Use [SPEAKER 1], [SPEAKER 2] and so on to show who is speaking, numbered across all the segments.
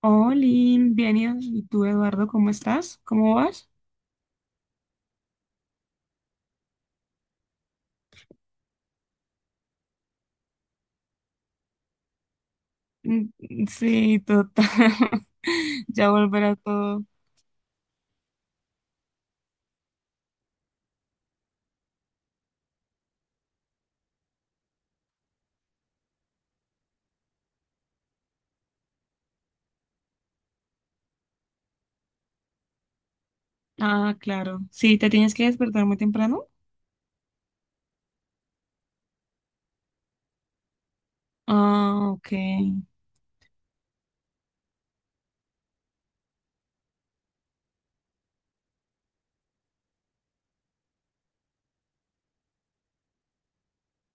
[SPEAKER 1] Hola, bien, ¿y tú, Eduardo, cómo estás? ¿Cómo vas? Sí, total. Ya volverá todo. Ah, claro. Sí, ¿te tienes que despertar muy temprano? Ah, ok.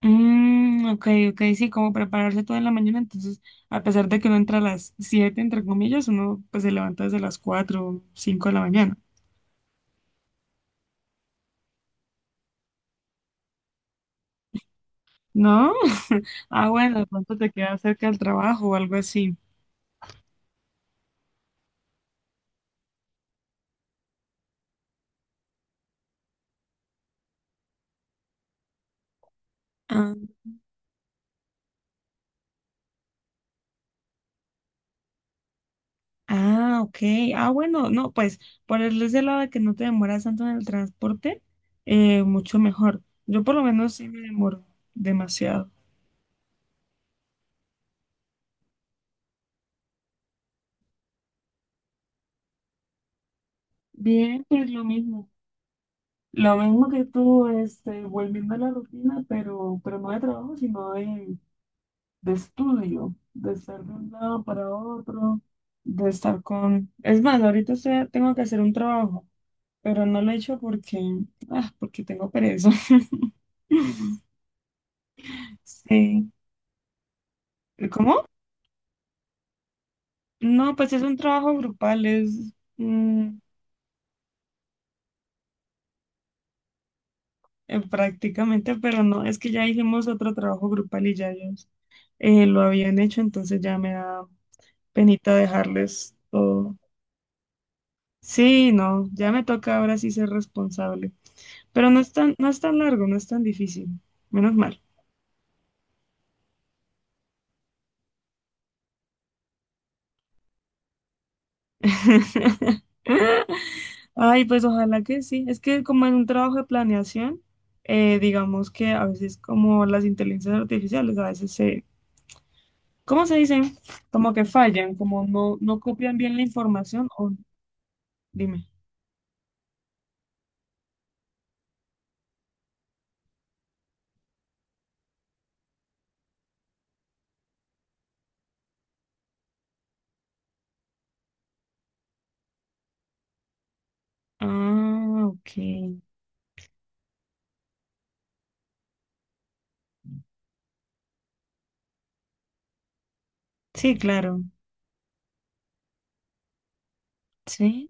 [SPEAKER 1] Mm, ok, ok, sí, como prepararse toda la mañana. Entonces, a pesar de que uno entra a las 7 entre comillas, uno pues se levanta desde las 4 o 5 de la mañana, ¿no? Ah, bueno, de pronto te queda cerca del trabajo o algo así. Ah, Ah, ok. Ah, bueno, no, pues por el ese lado de que no te demoras tanto en el transporte, mucho mejor. Yo por lo menos sí me demoro demasiado. Bien, pues lo mismo. Lo mismo que tú, este, volviendo a la rutina, pero no de trabajo, sino de estudio, de estar de un lado para otro, de estar con... Es más, tengo que hacer un trabajo, pero no lo he hecho porque tengo pereza. Sí. ¿Cómo? No, pues es un trabajo grupal, es prácticamente, pero no, es que ya hicimos otro trabajo grupal y ya ellos lo habían hecho, entonces ya me da penita dejarles todo. Sí, no, ya me toca ahora sí ser responsable, pero no es tan largo, no es tan difícil, menos mal. Ay, pues ojalá que sí. Es que como en un trabajo de planeación, digamos que a veces como las inteligencias artificiales, ¿cómo se dicen? Como que fallan, como no copian bien la información o dime. Ah, ok. Sí, claro. Sí,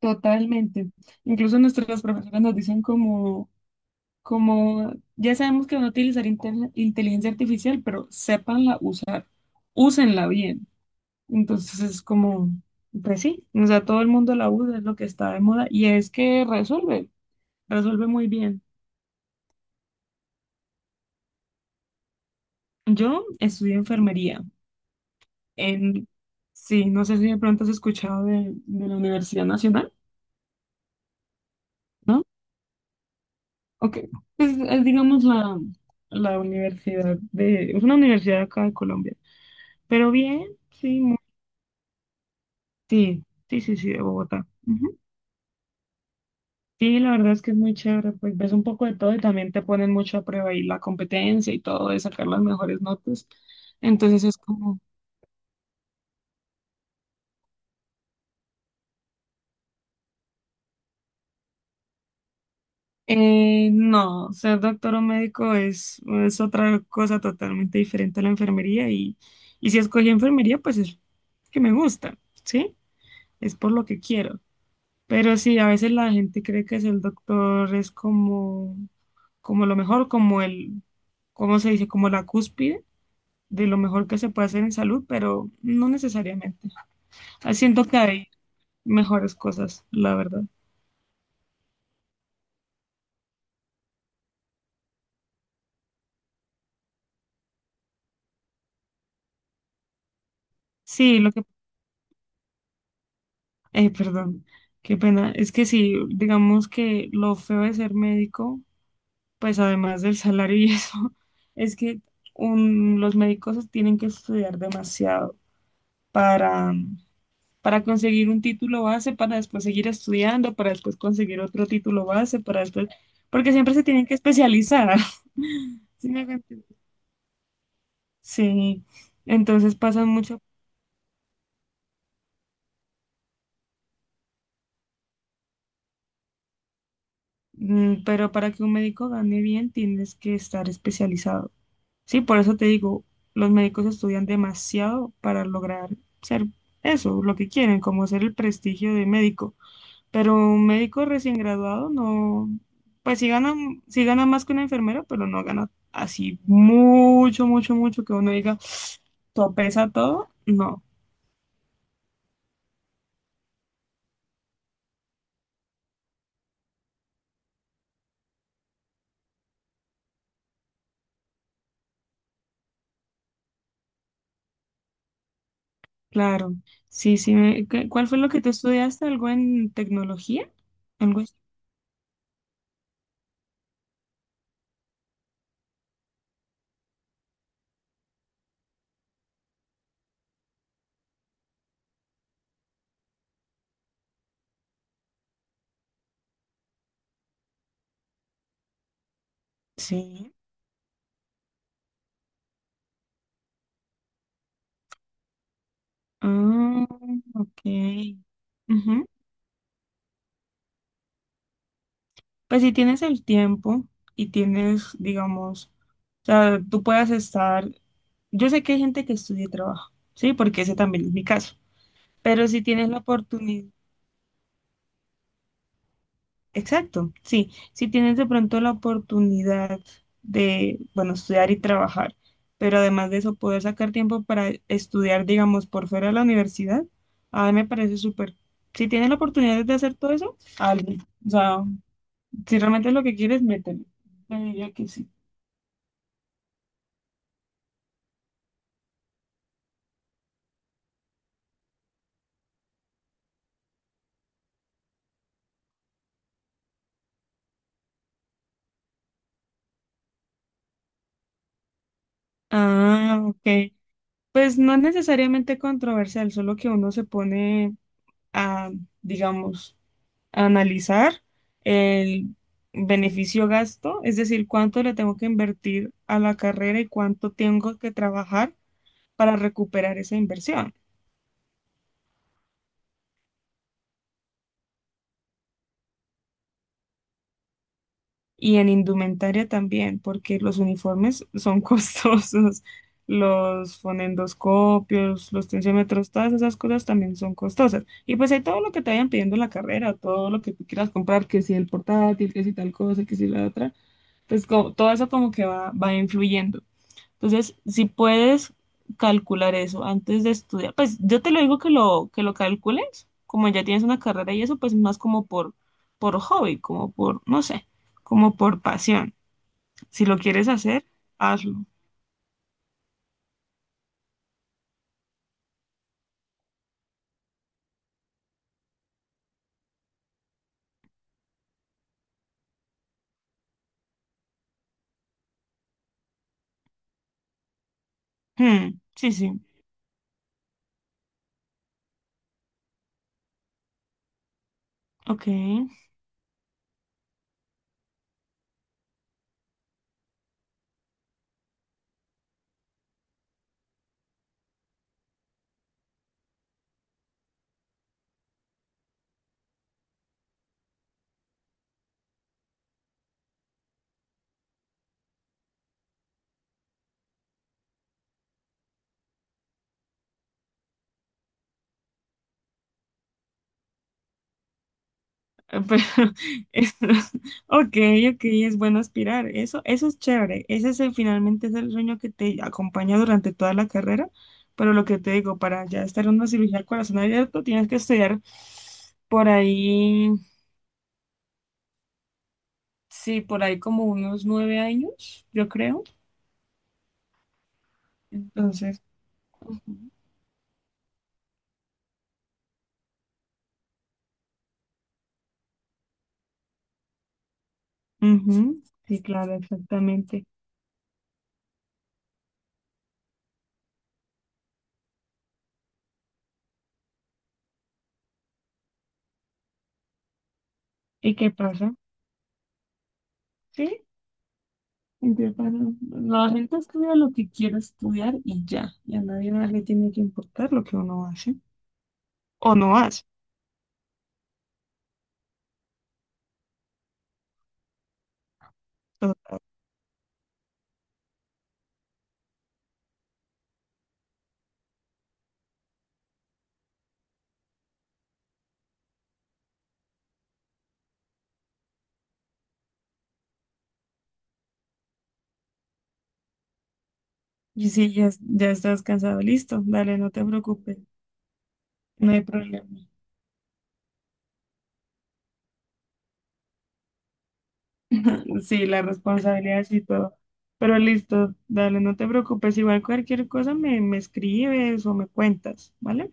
[SPEAKER 1] totalmente. Incluso nuestras profesoras nos dicen ya sabemos que van a utilizar inteligencia artificial, pero sépanla usar, úsenla bien. Entonces es como, pues sí, o sea, todo el mundo la usa, es lo que está de moda y es que resuelve muy bien. Yo estudié enfermería. En, sí, no sé si de pronto has escuchado de la Universidad Nacional, ¿no? Ok, pues es, digamos la universidad de, es una universidad acá de Colombia, pero bien, sí, muy- sí, sí, sí, sí, de Bogotá. Ujú. Sí, la verdad es que es muy chévere, pues ves un poco de todo y también te ponen mucho a prueba y la competencia y todo de sacar las mejores notas. Entonces es como, no, ser doctor o médico es otra cosa totalmente diferente a la enfermería y si escogí enfermería, pues es que me gusta, ¿sí? Es por lo que quiero. Pero sí, a veces la gente cree que ser doctor es como, como lo mejor, como el, ¿cómo se dice? Como la cúspide de lo mejor que se puede hacer en salud, pero no necesariamente. Ah, siento que hay mejores cosas, la verdad. Sí, lo que perdón, qué pena. Es que sí, digamos que lo feo de ser médico, pues además del salario y eso, es que los médicos tienen que estudiar demasiado para, para conseguir un título base, para después seguir estudiando, para después conseguir otro título base, para después, porque siempre se tienen que especializar. ¿Sí me hago entender? Sí, entonces pasa mucho, mm, pero para que un médico gane bien tienes que estar especializado. Sí, por eso te digo, los médicos estudian demasiado para lograr ser eso, lo que quieren, como ser el prestigio de médico. Pero un médico recién graduado no, pues sí gana más que una enfermera, pero no gana así mucho, mucho, mucho que uno diga, todo pesa todo. No, claro. Sí, sí. ¿Cuál fue lo que tú estudiaste? ¿Algo en tecnología? ¿Algo así? Sí. Ah, ok. Pues si tienes el tiempo y tienes, digamos, o sea, tú puedas estar, yo sé que hay gente que estudia y trabaja, ¿sí? Porque ese también es mi caso, pero si tienes la oportunidad, exacto, sí, si tienes de pronto la oportunidad de, bueno, estudiar y trabajar, pero además de eso poder sacar tiempo para estudiar, digamos, por fuera de la universidad, a mí me parece súper. Si tienes la oportunidad de hacer todo eso, hazlo. O sea, si realmente es lo que quieres, mételo. Yo diría que sí. Ah, ok. Pues no necesariamente controversial, solo que uno se pone a, digamos, a analizar el beneficio-gasto, es decir, cuánto le tengo que invertir a la carrera y cuánto tengo que trabajar para recuperar esa inversión. Y en indumentaria también, porque los uniformes son costosos, los fonendoscopios, los tensiómetros, todas esas cosas también son costosas. Y pues hay todo lo que te vayan pidiendo en la carrera, todo lo que tú quieras comprar, que si el portátil, que si tal cosa, que si la otra, pues todo eso como que va influyendo. Entonces, si puedes calcular eso antes de estudiar, pues yo te lo digo que lo calcules, como ya tienes una carrera y eso, pues más como por hobby, como por, no sé, como por pasión. Si lo quieres hacer, hazlo. Hmm, sí, sí. Ok. Pero es- ok, ok, es bueno aspirar. Eso es chévere. Ese es el, finalmente es el sueño que te acompaña durante toda la carrera. Pero lo que te digo, para ya estar en una cirugía al corazón abierto, tienes que estudiar por ahí, sí, por ahí como unos 9 años, yo creo. Entonces, ujú, ujú, sí, claro, exactamente. ¿Y qué pasa? Sí, y de paro, la gente estudia lo que quiere estudiar y ya. Y a nadie más le tiene que importar lo que uno hace o no hace. O sea, y si ya, ya estás cansado, listo, dale, no te preocupes, no hay problema. Sí, la responsabilidad y todo. Pero listo, dale, no te preocupes. Igual cualquier cosa me, me escribes o me cuentas, ¿vale?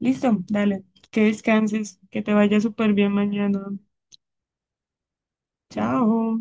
[SPEAKER 1] Listo, dale, que descanses, que te vaya súper bien mañana. Chao.